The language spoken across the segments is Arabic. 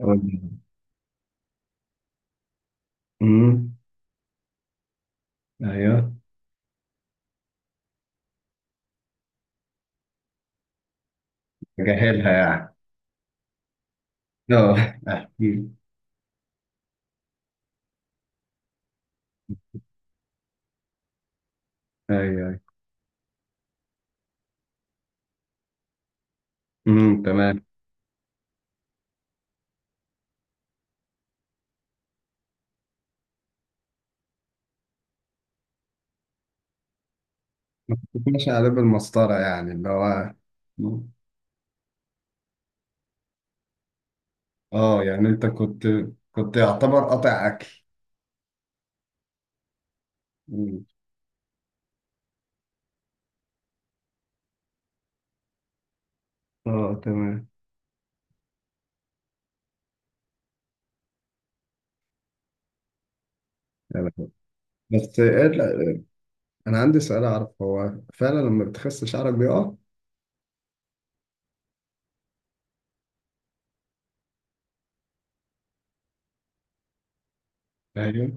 امم. ايوه، جاهلها يعني. اه، احكي. ايوه، ايوه. امم، تمام. ما كنتش على باب المسطره، يعني اللي هو. اه، يعني انت كنت يعتبر قاطع اكل. مم. اه تمام. يا لهوي. بس إيه انا عندي سؤال، اعرف هو فعلا لما بتخس شعرك بيقع؟ ايوه،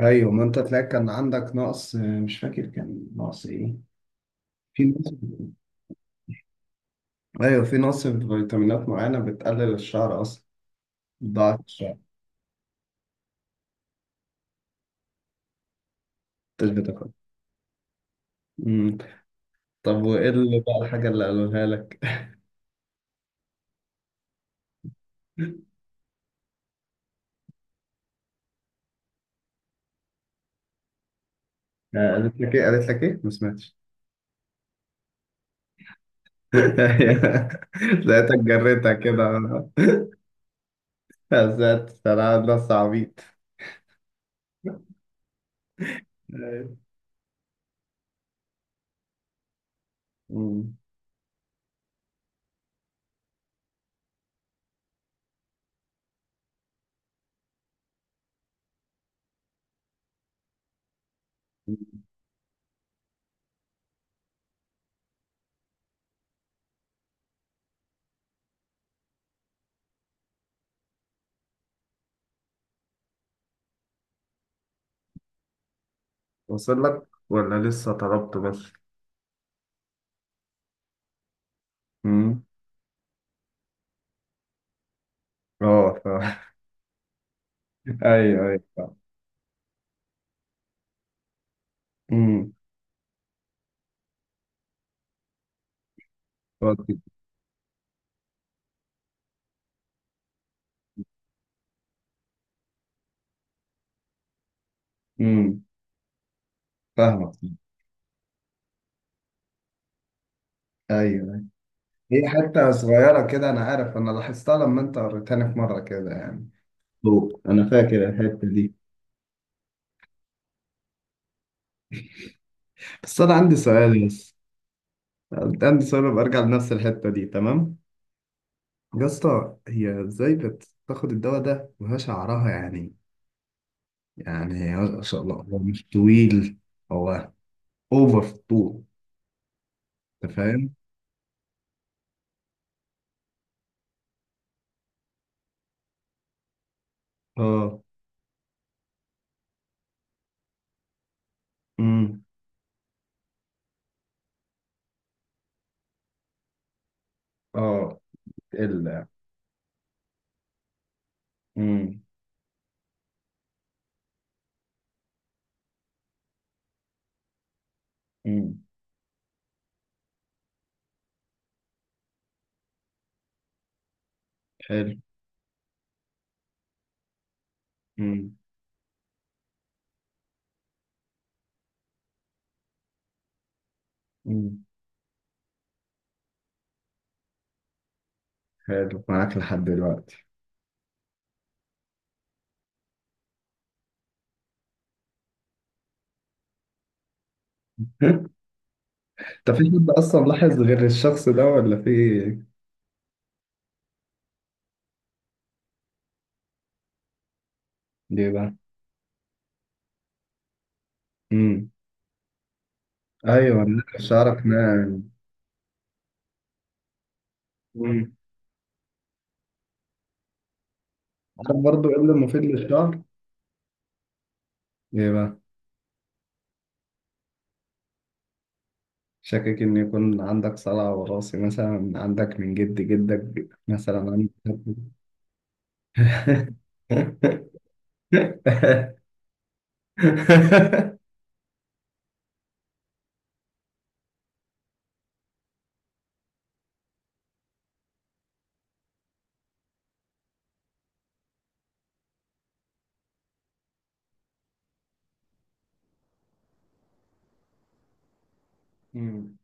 ايوه. ما انت تلاقي كان عندك نقص، مش فاكر كان نقص ايه. في نقص. ايوه، في نقص في فيتامينات معينه بتقلل الشعر اصلا. ضاعت شوية، مش بتاخد. مم. طب وايه اللي بقى الحاجة اللي قالوها لك؟ آه، قالت لك ايه؟ قالت لك ايه؟ ما سمعتش. لقيتك جريتها كده. ذات انا نص عبيط. أيوة. مم. وصل لك ولا لسه طلبته بس؟ مم. اه ايوه، ايوه، فاهم. مم. فاهم. مم. فاهمك. ايوه، أيوه. هي حتة صغيرة كده، انا عارف، انا لاحظتها لما انت وريتني في مرة كده يعني. فوق، انا فاكر الحته دي. بس انا عندي سؤال. بس عندي سؤال، ببقى ارجع لنفس الحته دي. تمام يا اسطى، هي ازاي بتاخد الدواء ده وهي شعرها يعني، يعني ما شاء الله هو مش طويل. هو اوفر في الطول، انت فاهم. اه. امم. اه. ال. امم. امم. حلو. امم. امم. حلو، معاك لحد دلوقتي؟ طب في حد اصلا لاحظ غير الشخص ده ولا في؟ ليه بقى؟ امم. ايوه، شعرك ناعم. مم. عارف برضو ايه اللي مفيد للشعر؟ ايه بقى؟ شاكك ان يكون عندك صلع وراثي، مثلا عندك من جد جدك، مثلا عندك. مم.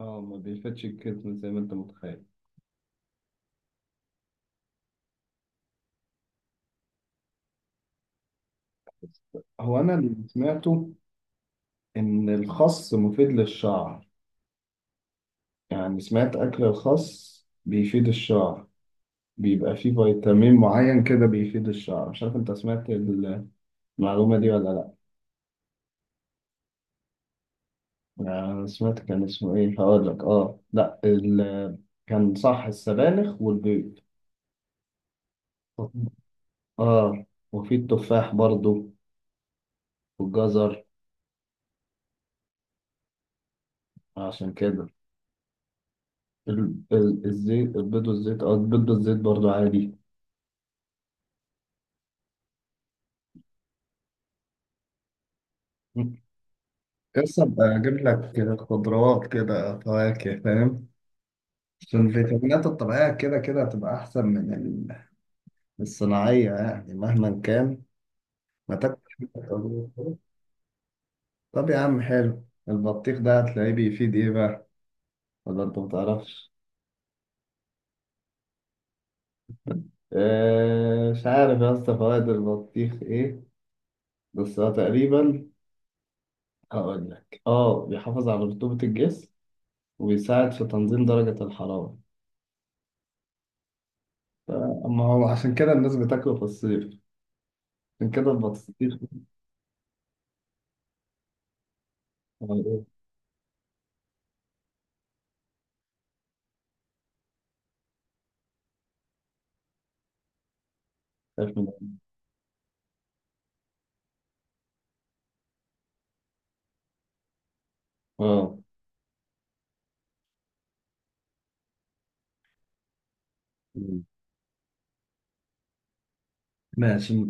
اه، ما بيفتش الكتم زي ما انت متخيل. بس هو انا اللي سمعته ان الخس مفيد للشعر، يعني سمعت اكل الخس بيفيد الشعر، بيبقى فيه فيتامين معين كده بيفيد الشعر. مش عارف انت سمعت المعلومة دي ولا. أنا سمعت كان اسمه إيه، هقول لك. آه لأ، كان صح، السبانخ والبيض. آه. وفي التفاح برضو، والجزر. عشان كده ال... الزيت. البيض والزيت. البيض والزيت برضو عادي. بس ابقى اجيب لك خضروات كده، فواكه، فاهم. عشان الفيتامينات الطبيعيه كده كده هتبقى احسن من الصناعيه، يعني مهما كان ما تاكل. طب يا عم حلو، البطيخ ده هتلاقيه بيفيد ايه بقى، ولا انت متعرفش؟ آه، مش عارف يا اسطى فوائد البطيخ ايه، بس هو تقريبا، هقول لك، بيحافظ على رطوبة الجسم وبيساعد في تنظيم درجة الحرارة. ما هو عشان كده الناس بتاكله في الصيف، عشان كده البطيخ. اه. خايف من. اه. مم. ماشي،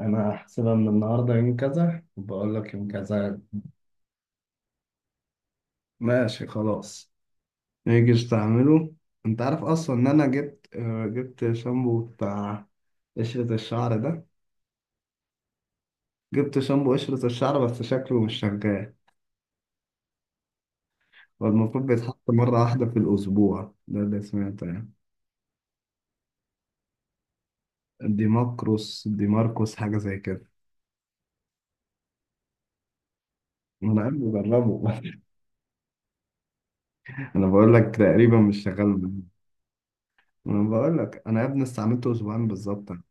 انا هحسبها من النهارده يوم كذا، وبقول لك يوم كذا. ماشي خلاص. نيجي استعمله. انت عارف اصلا ان انا جبت شامبو بتاع قشرة الشعر ده. جبت شامبو قشرة الشعر، بس شكله مش شغال. والمفروض بيتحط مرة واحدة في الأسبوع، ده اللي سمعته يعني. ديماكروس، ديماركوس، حاجة زي كده. أنا يا ابني جربه. أنا بقول لك تقريبا مش شغال معايا. أنا بقول لك أنا يا ابني استعملته أسبوعين بالظبط يعني.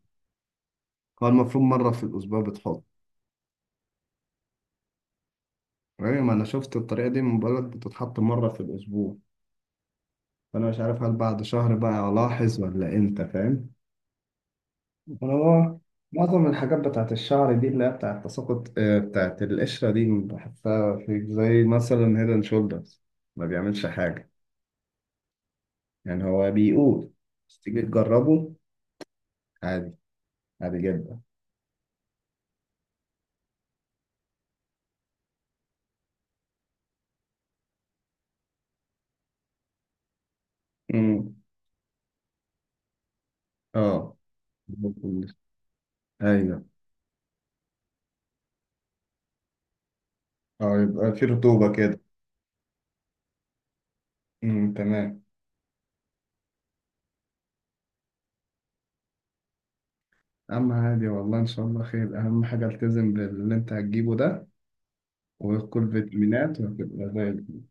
هو المفروض مرة في الأسبوع بتحط. أيوة، ما أنا شفت الطريقة دي، من بقول لك بتتحط مرة في الأسبوع. فأنا مش عارف هل بعد شهر بقى ألاحظ ولا إمتى، فاهم. هو معظم الحاجات بتاعت الشعر دي اللي هي بتاعت تساقط، بتاعت القشرة دي، بحسها في زي مثلا هيدن شولدرز ما بيعملش حاجة. يعني هو بيقول، بس تيجي تجربه عادي، عادي جدا. امم. اه. ايوه. اه، يبقى في رطوبة كده. تمام. اما عادي، والله ان شاء الله خير. اهم حاجة التزم باللي انت هتجيبه ده، وكل فيتامينات، وهتبقى زي الفل.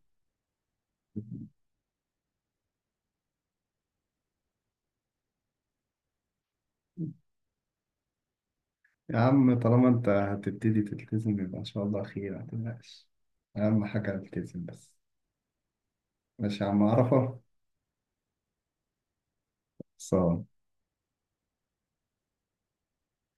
يا عم، طالما انت هتبتدي تلتزم، يبقى ان شاء الله خير، ما تقلقش. اهم حاجه التزم بس. ماشي يا عم، عرفه. صان